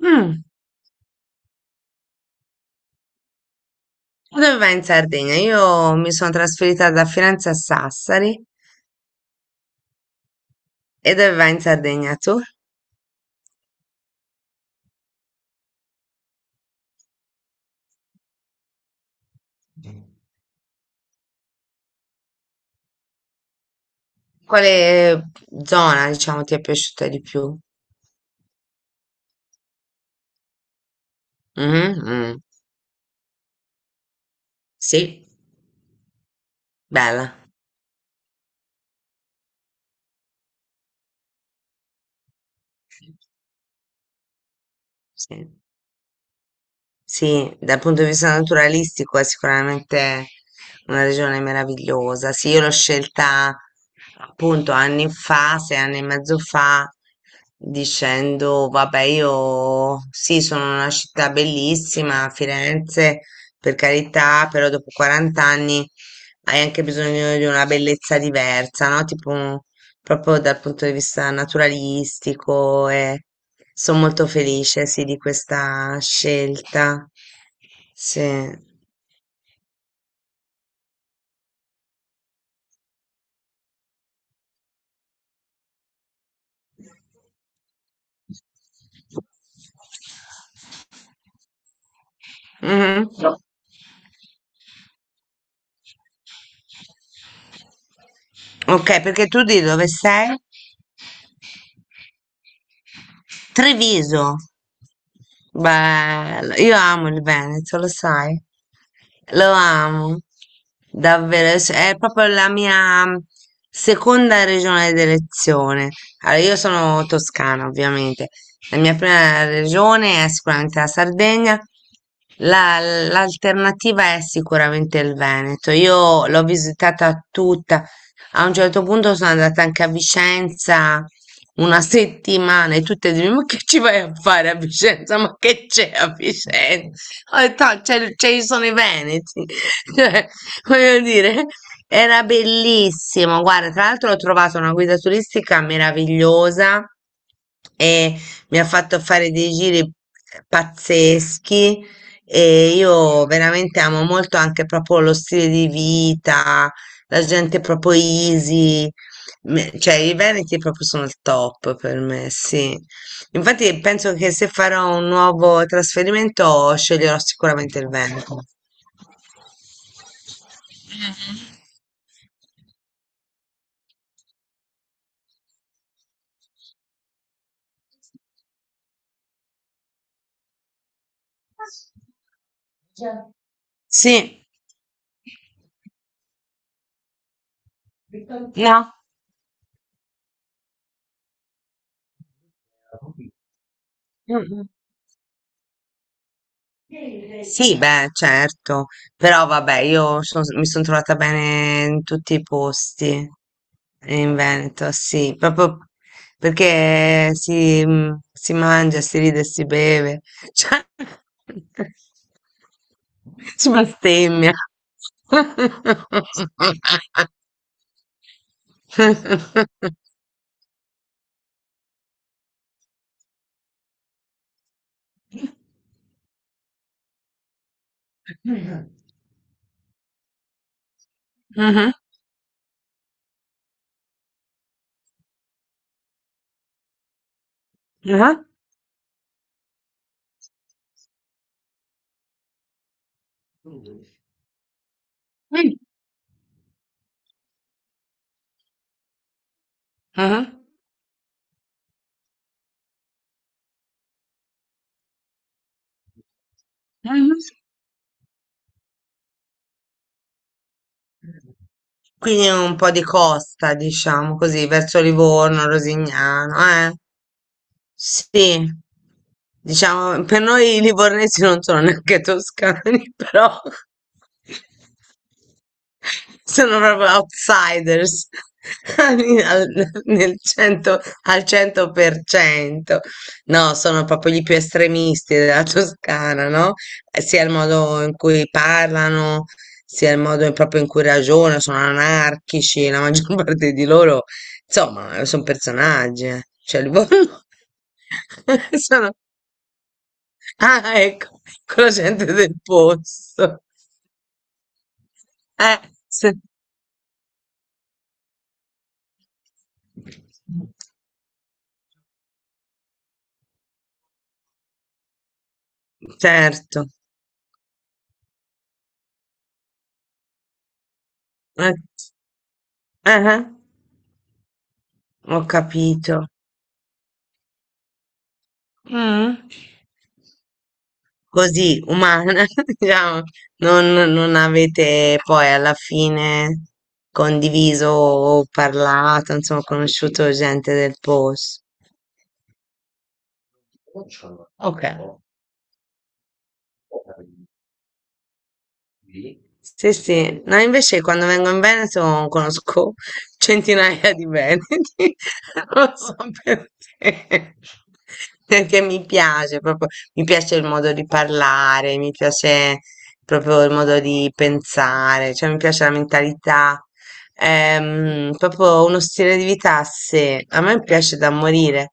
Mm. Dove vai in Sardegna? Io mi sono trasferita da Firenze a Sassari. E dove vai in Sardegna tu? Quale zona, diciamo, ti è piaciuta di più? Mhm, mm. Sì, bella. Sì. Sì, dal punto di vista naturalistico è sicuramente una regione meravigliosa. Sì, io l'ho scelta appunto anni fa, 6 anni e mezzo fa, dicendo, vabbè, io sì, sono una città bellissima, Firenze, per carità, però dopo 40 anni hai anche bisogno di una bellezza diversa, no? Tipo proprio dal punto di vista naturalistico e sono molto felice, sì, di questa scelta. Sì. Mhm. No. Ok, perché tu di dove sei? Treviso. Bello, io amo il Veneto, lo sai, lo amo, davvero, cioè, è proprio la mia seconda regione d'elezione. Allora, io sono toscana, ovviamente, la mia prima regione è sicuramente la Sardegna, la- l'alternativa è sicuramente il Veneto. Io l'ho visitata tutta, a un certo punto sono andata anche a Vicenza una settimana e tutte dicono, ma che ci vai a fare a Vicenza? Ma che c'è a Vicenza? Ho detto, "Ah, ci sono i Veneti. Cioè, voglio dire, era bellissimo. Guarda, tra l'altro ho trovato una guida turistica meravigliosa e mi ha fatto fare dei giri pazzeschi e io veramente amo molto anche proprio lo stile di vita, la gente proprio easy. Cioè, i Veneti proprio sono il top per me, sì. Infatti penso che se farò un nuovo trasferimento sceglierò sicuramente il Veneto. Sì, no. Mm, mm. Sì, beh, certo, però vabbè, mi sono trovata bene in tutti i posti in Veneto, sì, proprio perché si mangia, si ride, si beve, cioè, si bestemmia. Mhm, mhm, mhm, mhm. Quindi un po' di costa, diciamo così, verso Livorno, Rosignano, eh? Sì, diciamo, per noi i livornesi non sono neanche toscani, però sono proprio outsiders al, nel 100, al 100%. No, sono proprio gli più estremisti della Toscana, no? Sia il modo in cui parlano, sia il modo proprio in cui ragionano, sono anarchici, la maggior parte di loro. Insomma, son personaggi, eh. Cioè, li vogliono- sono ah, ecco, ecco la gente del posto. Eh, se certo. Eh, eh-eh, ho capito. Mh. Così, umana, diciamo, non avete poi alla fine condiviso o parlato, insomma, conosciuto gente del pos. Okay. Sì, sì. No, invece quando vengo in Veneto conosco centinaia di veneti, lo so perché. Perché mi piace proprio, mi piace il modo di parlare, mi piace proprio il modo di pensare, cioè mi piace la mentalità, proprio uno stile di vita se a me piace da morire.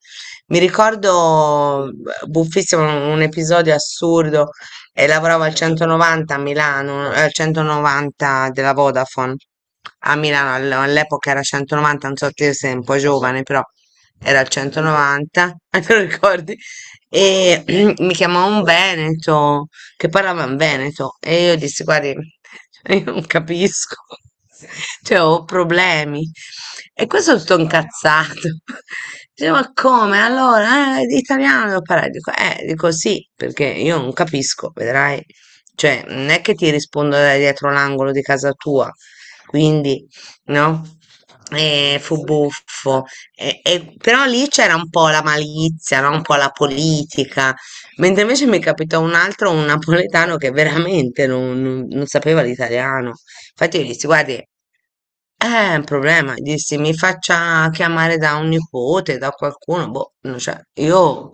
Mi ricordo, buffissimo, un episodio assurdo e lavoravo al 190 a Milano, al 190 della Vodafone a Milano, all'epoca era 190, non so te sei un po' giovane, però era il 190, te lo ricordi? E mi chiamò un Veneto che parlava in veneto e io dissi, guardi, cioè, io non capisco, cioè ho problemi. E questo è tutto incazzato. Dice, ma come? Allora, italiano devo parlare. Dico sì, perché io non capisco, vedrai. Cioè, non è che ti rispondo da dietro l'angolo di casa tua, quindi, no? E fu buffo. Però lì c'era un po' la malizia, no? Un po' la politica. Mentre invece mi capitò un altro, un napoletano che veramente non sapeva l'italiano. Infatti, gli dissi: Guardi, è un problema. Gli dissi: Mi faccia chiamare da un nipote, da qualcuno. Boh, non c'è. Io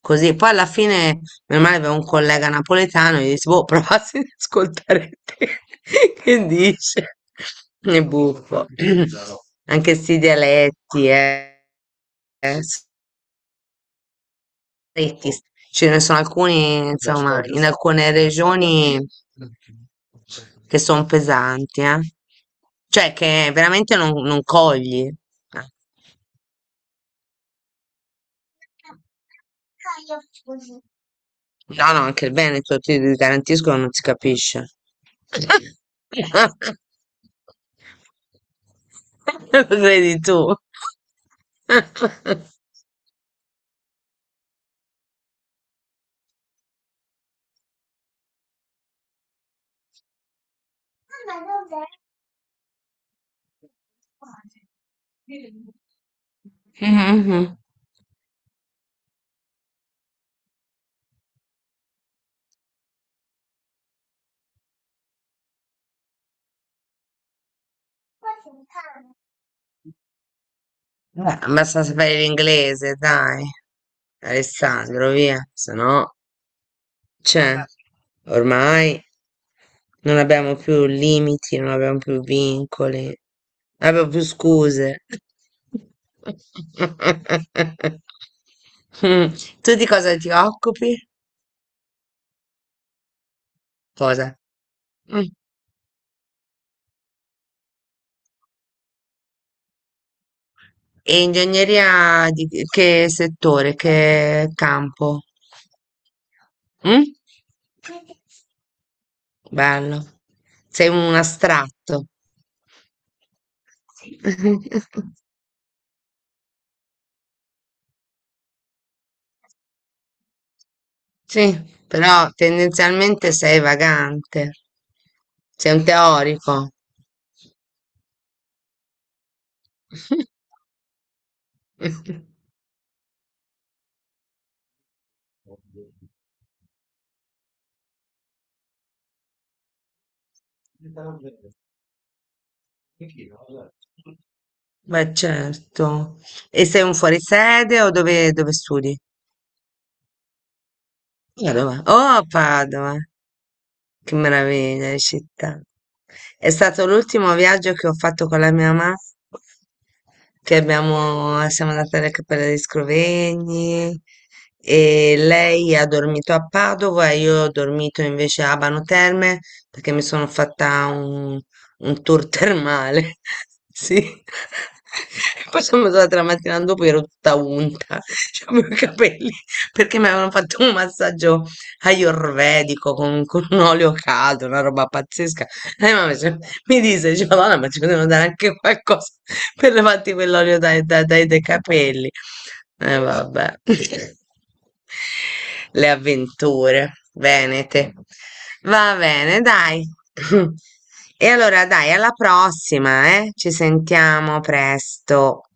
così. Poi alla fine, meno male, avevo un collega napoletano. Gli dissi: Boh, provassi ad ascoltare te. Che dice? È buffo. Anche sti dialetti, eh. eh, stretti, ce ne sono alcuni, insomma, in alcune regioni che sono pesanti, eh. Cioè che veramente non cogli, eh. No, no, anche il Veneto, ti garantisco, non si capisce. Lo credi tu? Mhm. Eh, basta sapere l'inglese, dai, Alessandro, via, se no, cioè, ormai non abbiamo più limiti, non abbiamo più vincoli, non abbiamo più scuse. Mm. Tu di cosa ti occupi? Cosa? Mm. E ingegneria di che settore, che campo? Mm? Bello, sei un astratto. Sì. Sì, però tendenzialmente sei vagante, sei un teorico. Beh, certo. E sei un fuorisede o dove studi? A Padova. Oh, a Padova. Che meraviglia di città. È stato l'ultimo viaggio che ho fatto con la mia mamma, che siamo andate alle Cappelle di Scrovegni e lei ha dormito a Padova e io ho dormito invece a Abano Terme perché mi sono fatta un tour termale. Sì. Poi sono andata la mattina dopo ero tutta unta, avevo i capelli perché mi avevano fatto un massaggio ayurvedico con un olio caldo, una roba pazzesca. E mamma dice, Madonna, ma ci potevano dare anche qualcosa per levarti quell'olio dai capelli. E vabbè. Le avventure venete. Va bene, dai. E allora dai, alla prossima, eh? Ci sentiamo presto.